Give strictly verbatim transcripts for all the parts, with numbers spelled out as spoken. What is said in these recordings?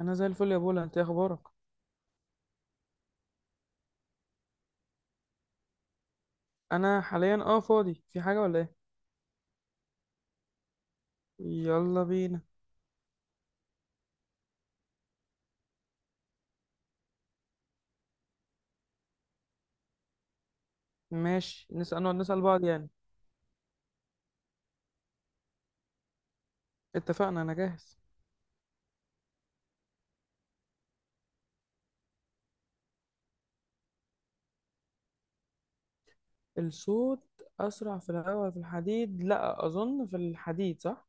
انا زي الفل يا بولا، انت إيه اخبارك؟ انا حاليا اه فاضي. في حاجه ولا ايه؟ يلا بينا. ماشي، نسال، نقعد نسال بعض يعني. اتفقنا، انا جاهز. الصوت اسرع في الهواء ولا في الحديد؟ لا اظن في الحديد، صح.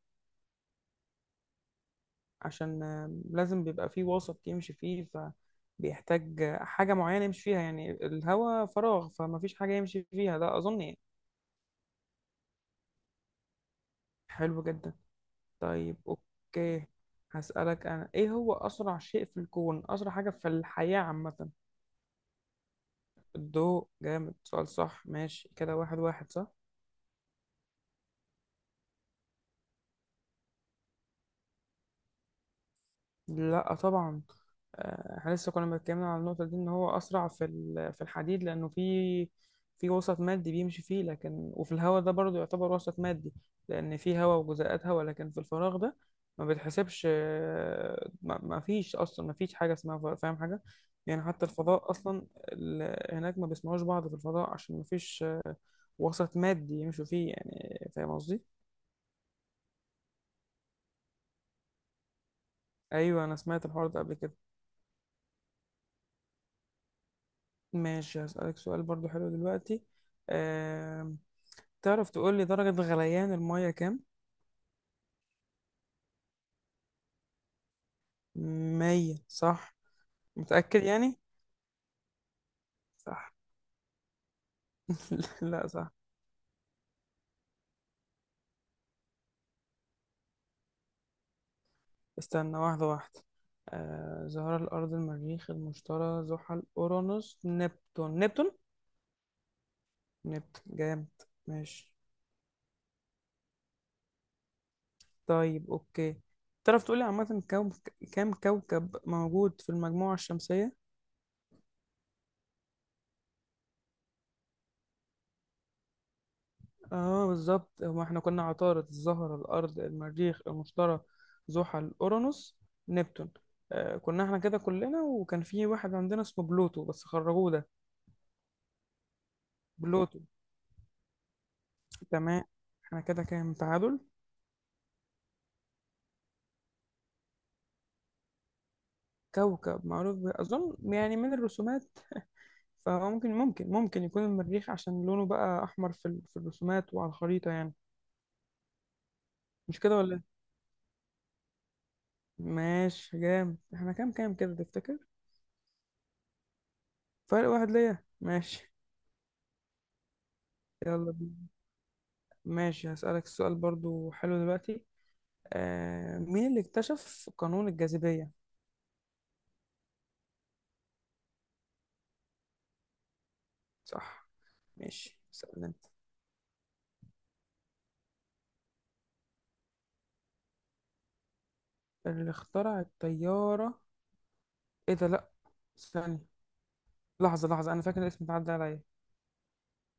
عشان آه، لازم بيبقى فيه وسط يمشي فيه، فبيحتاج آه، حاجه معينه يمشي فيها. يعني الهواء فراغ، فما فيش حاجه يمشي فيها، ده اظن يعني. حلو جدا. طيب اوكي، هسألك أنا: إيه هو أسرع شيء في الكون؟ أسرع حاجة في الحياة عامة. الضوء. جامد، سؤال صح. ماشي كده واحد واحد صح. لا طبعا. آه، احنا لسه كنا بنتكلمنا على النقطة دي، ان هو اسرع في ال- في الحديد لانه في في وسط مادي بيمشي فيه. لكن وفي الهواء ده برضه يعتبر وسط مادي، لان في هواء وجزيئات هواء. لكن في الفراغ ده ما بتحسبش، آه، ما ما فيش اصلا، ما فيش حاجة اسمها فضاء، فاهم حاجة. يعني حتى الفضاء اصلا ال- هناك ما بيسمعوش بعض في الفضاء، عشان ما فيش آه، وسط مادي يمشوا فيه، يعني فاهم قصدي. ايوه انا سمعت الحوار ده قبل كده. ماشي، هسألك سؤال برضو حلو دلوقتي. أه... تعرف تقول لي درجة غليان المية كام؟ مية صح. متأكد يعني؟ صح. لا صح. استنى واحدة واحدة. أه... زهرة، الأرض، المريخ، المشتري، زحل، أورانوس، نبتون. نبتون؟ نبتون جامد. ماشي. طيب أوكي، تعرف تقول لي عامة كوكب... كام كوكب موجود في المجموعة الشمسية؟ اه بالظبط، هما احنا كنا عطارد، الزهرة، الأرض، المريخ، المشتري، زحل، أورانوس، نبتون. آه كنا احنا كده كلنا، وكان في واحد عندنا اسمه بلوتو بس خرجوه ده. بلوتو. تمام، احنا كده كام، تعادل. كوكب معروف ب- أظن يعني من الرسومات، فممكن ممكن ممكن يكون المريخ، عشان لونه بقى أحمر في، ال- في الرسومات وعلى الخريطة يعني. مش كده ولا إيه؟ ماشي جامد، احنا كام كام كده تفتكر؟ فرق واحد ليا، ماشي. يلا. ماشي، هسألك السؤال برضو حلو دلوقتي. آه، مين اللي اكتشف قانون الجاذبية؟ صح. ماشي، اسأل انت. اللي اخترع الطيارة؟ ايه ده لأ. ثانية، لحظة لحظة أنا فاكر الاسم، اتعدى عليا.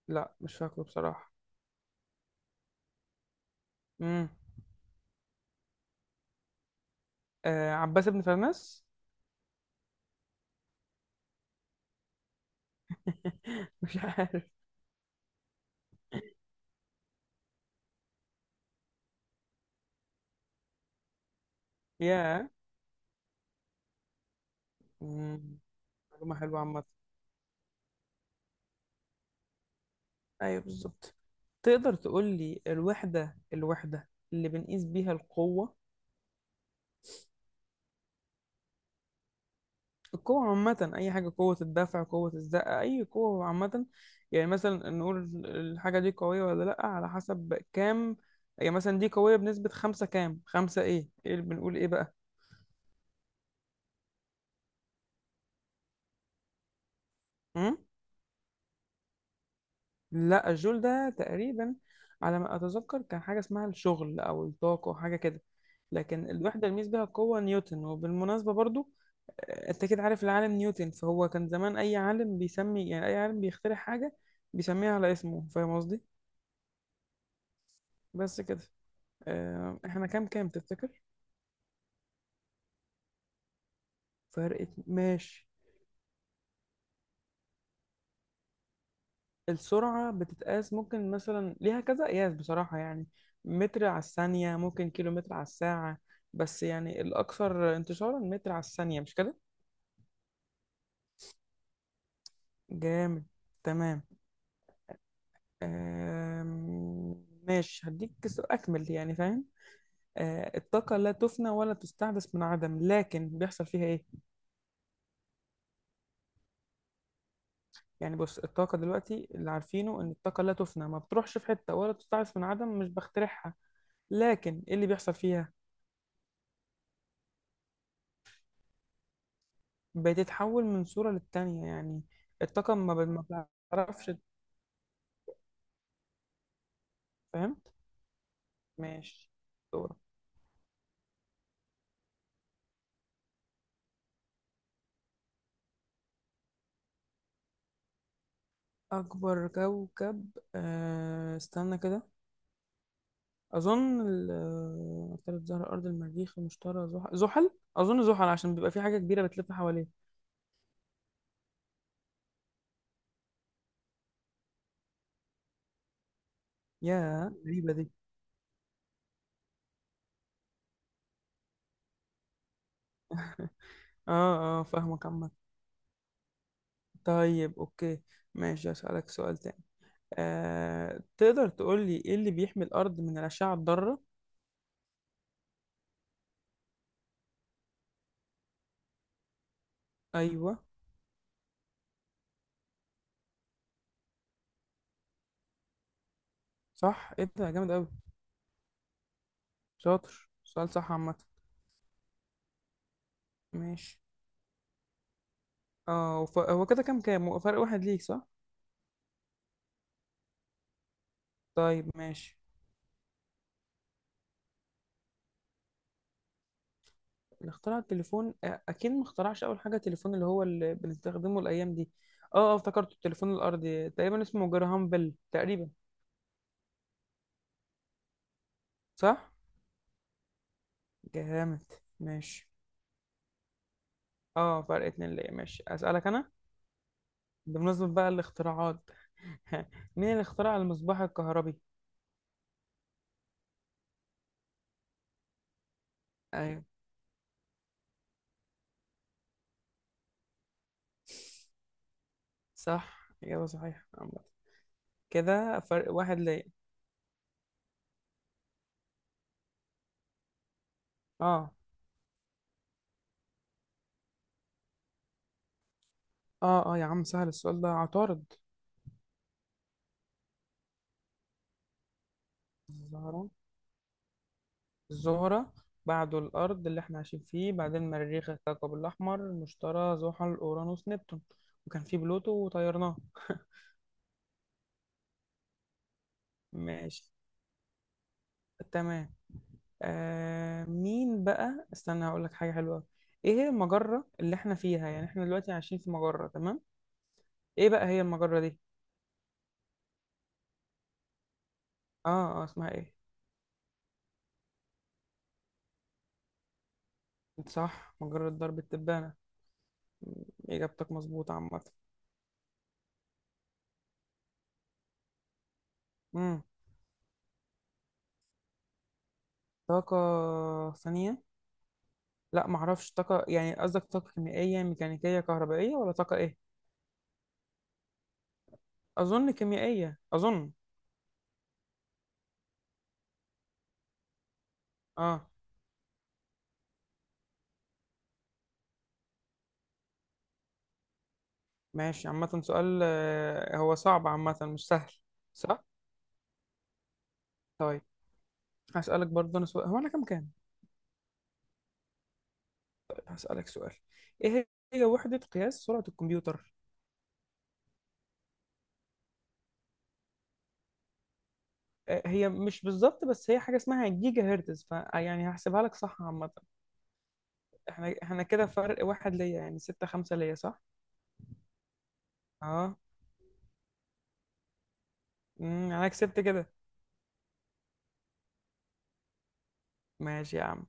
لأ مش فاكره بصراحة. مم. آه، عباس بن فرناس؟ مش عارف. ياه. مم. معلومة حلوة عامة. أيوه بالظبط. تقدر تقول لي الوحدة الوحدة اللي بنقيس بيها القوة؟ القوة عامة، أي حاجة، قوة الدفع، قوة الزقة، أي قوة عامة. يعني مثلا نقول الحاجة دي قوية ولا لأ على حسب كام. يعني مثلا دي قوية بنسبة خمسة، كام، خمسة إيه، إيه اللي بنقول إيه بقى. أم؟ لأ الجول ده تقريبا على ما أتذكر كان حاجة اسمها الشغل أو الطاقة أو حاجة كده. لكن الوحدة اللي ميز بيها القوة نيوتن. وبالمناسبة برضو، آه، أنت كده عارف العالم نيوتن، فهو كان زمان أي عالم بيسمي، يعني أي عالم بيخترع حاجة بيسميها على اسمه، فاهم قصدي. بس كده. آه، احنا كام كام تفتكر؟ فرق اتن- ماشي. السرعة بتتقاس، ممكن مثلا ليها كذا قياس بصراحة يعني. متر على الثانية، ممكن كيلو متر على الساعة. بس يعني الأكثر انتشارا متر على الثانية، مش كده؟ جامد. تمام. آم، ماشي، هديك س- أكمل يعني فاهم. آه، الطاقة لا تفنى ولا تستحدث من عدم، لكن بيحصل فيها إيه؟ يعني بص، الطاقة دلوقتي اللي عارفينه إن الطاقة لا تفنى، ما بتروحش في حتة، ولا تستعص من عدم، مش بخترعها. لكن إيه اللي بيحصل فيها؟ بتتحول من صورة للتانية يعني. الطاقة ما ب- ما بتعرفش فهمت. ماشي. دورة. أكبر كوكب، أه استنى كده. أظن ال- آه، عطارد، زهرة، الأرض، المريخ، المشتري، زحل. زحل، أظن زحل، عشان بيبقى في حاجة كبيرة بتلف حواليه. يا غريبة دي. اه اه، فاهمك عامة. طيب اوكي. ماشي أسألك سؤال تاني. آه، تقدر تقول لي ايه اللي بيحمي الارض من الاشعه الضاره؟ ايوه. صح، ايه ده جامد قوي. شاطر، سؤال صح عامه. ماشي. اه وف... هو كده كام كام؟ هو فرق واحد ليك صح. طيب ماشي. اللي اخترع التليفون؟ آه، اكيد ما اخترعش اول حاجه التليفون اللي هو اللي بنستخدمه الايام دي. اه اه افتكرت، التليفون الارضي تقريبا اسمه جراهام بيل تقريبا. صح. جامد. ماشي. اه، فرق اتنين ليا، ماشي، اسالك انا. بمناسبه بقى الاختراعات، مين اللي اخترع المصباح الكهربي؟ ايوه. صح، اجابه صحيحه عامة. كده فرق واحد ليا. اه اه اه يا عم، سهل السؤال ده، عطارد. الزهرة. الزهرة، بعده الأرض اللي احنا عايشين فيه، بعدين مريخ الكوكب الأحمر، المشتري، زحل، أورانوس، نبتون. وكان فيه بلوتو وطيرناه. ماشي. تمام. آه مين بقى، استنى هقول لك حاجة حلوة. ايه هي المجرة اللي احنا فيها؟ يعني احنا دلوقتي عايشين في مجرة تمام، ايه بقى هي المجرة دي؟ اه اه اسمها ايه. صح، مجرة درب التبانة. إجابتك مظبوطة عامة. مم. طاقة ثانية. لا معرفش، طاقة يعني قصدك طاقة كيميائية، ميكانيكية، كهربائية، ولا طاقة إيه؟ أظن كيميائية، أظن. آه. ماشي عامة، سؤال آه، هو صعب عامة، مش سهل، صح؟ طيب. هسألك برضه أنا سؤال. هو أنا كام كام؟ هسألك سؤال: إيه هي وحدة قياس سرعة الكمبيوتر؟ آه، هي مش بالظبط، بس هي حاجة اسمها جيجا هرتز، فيعني هحسبها لك صح عامة. احنا احنا كده فرق واحد ليا، يعني ستة خمسة ليا، صح؟ اه. مم، انا كسبت كده. ماشي يا عم.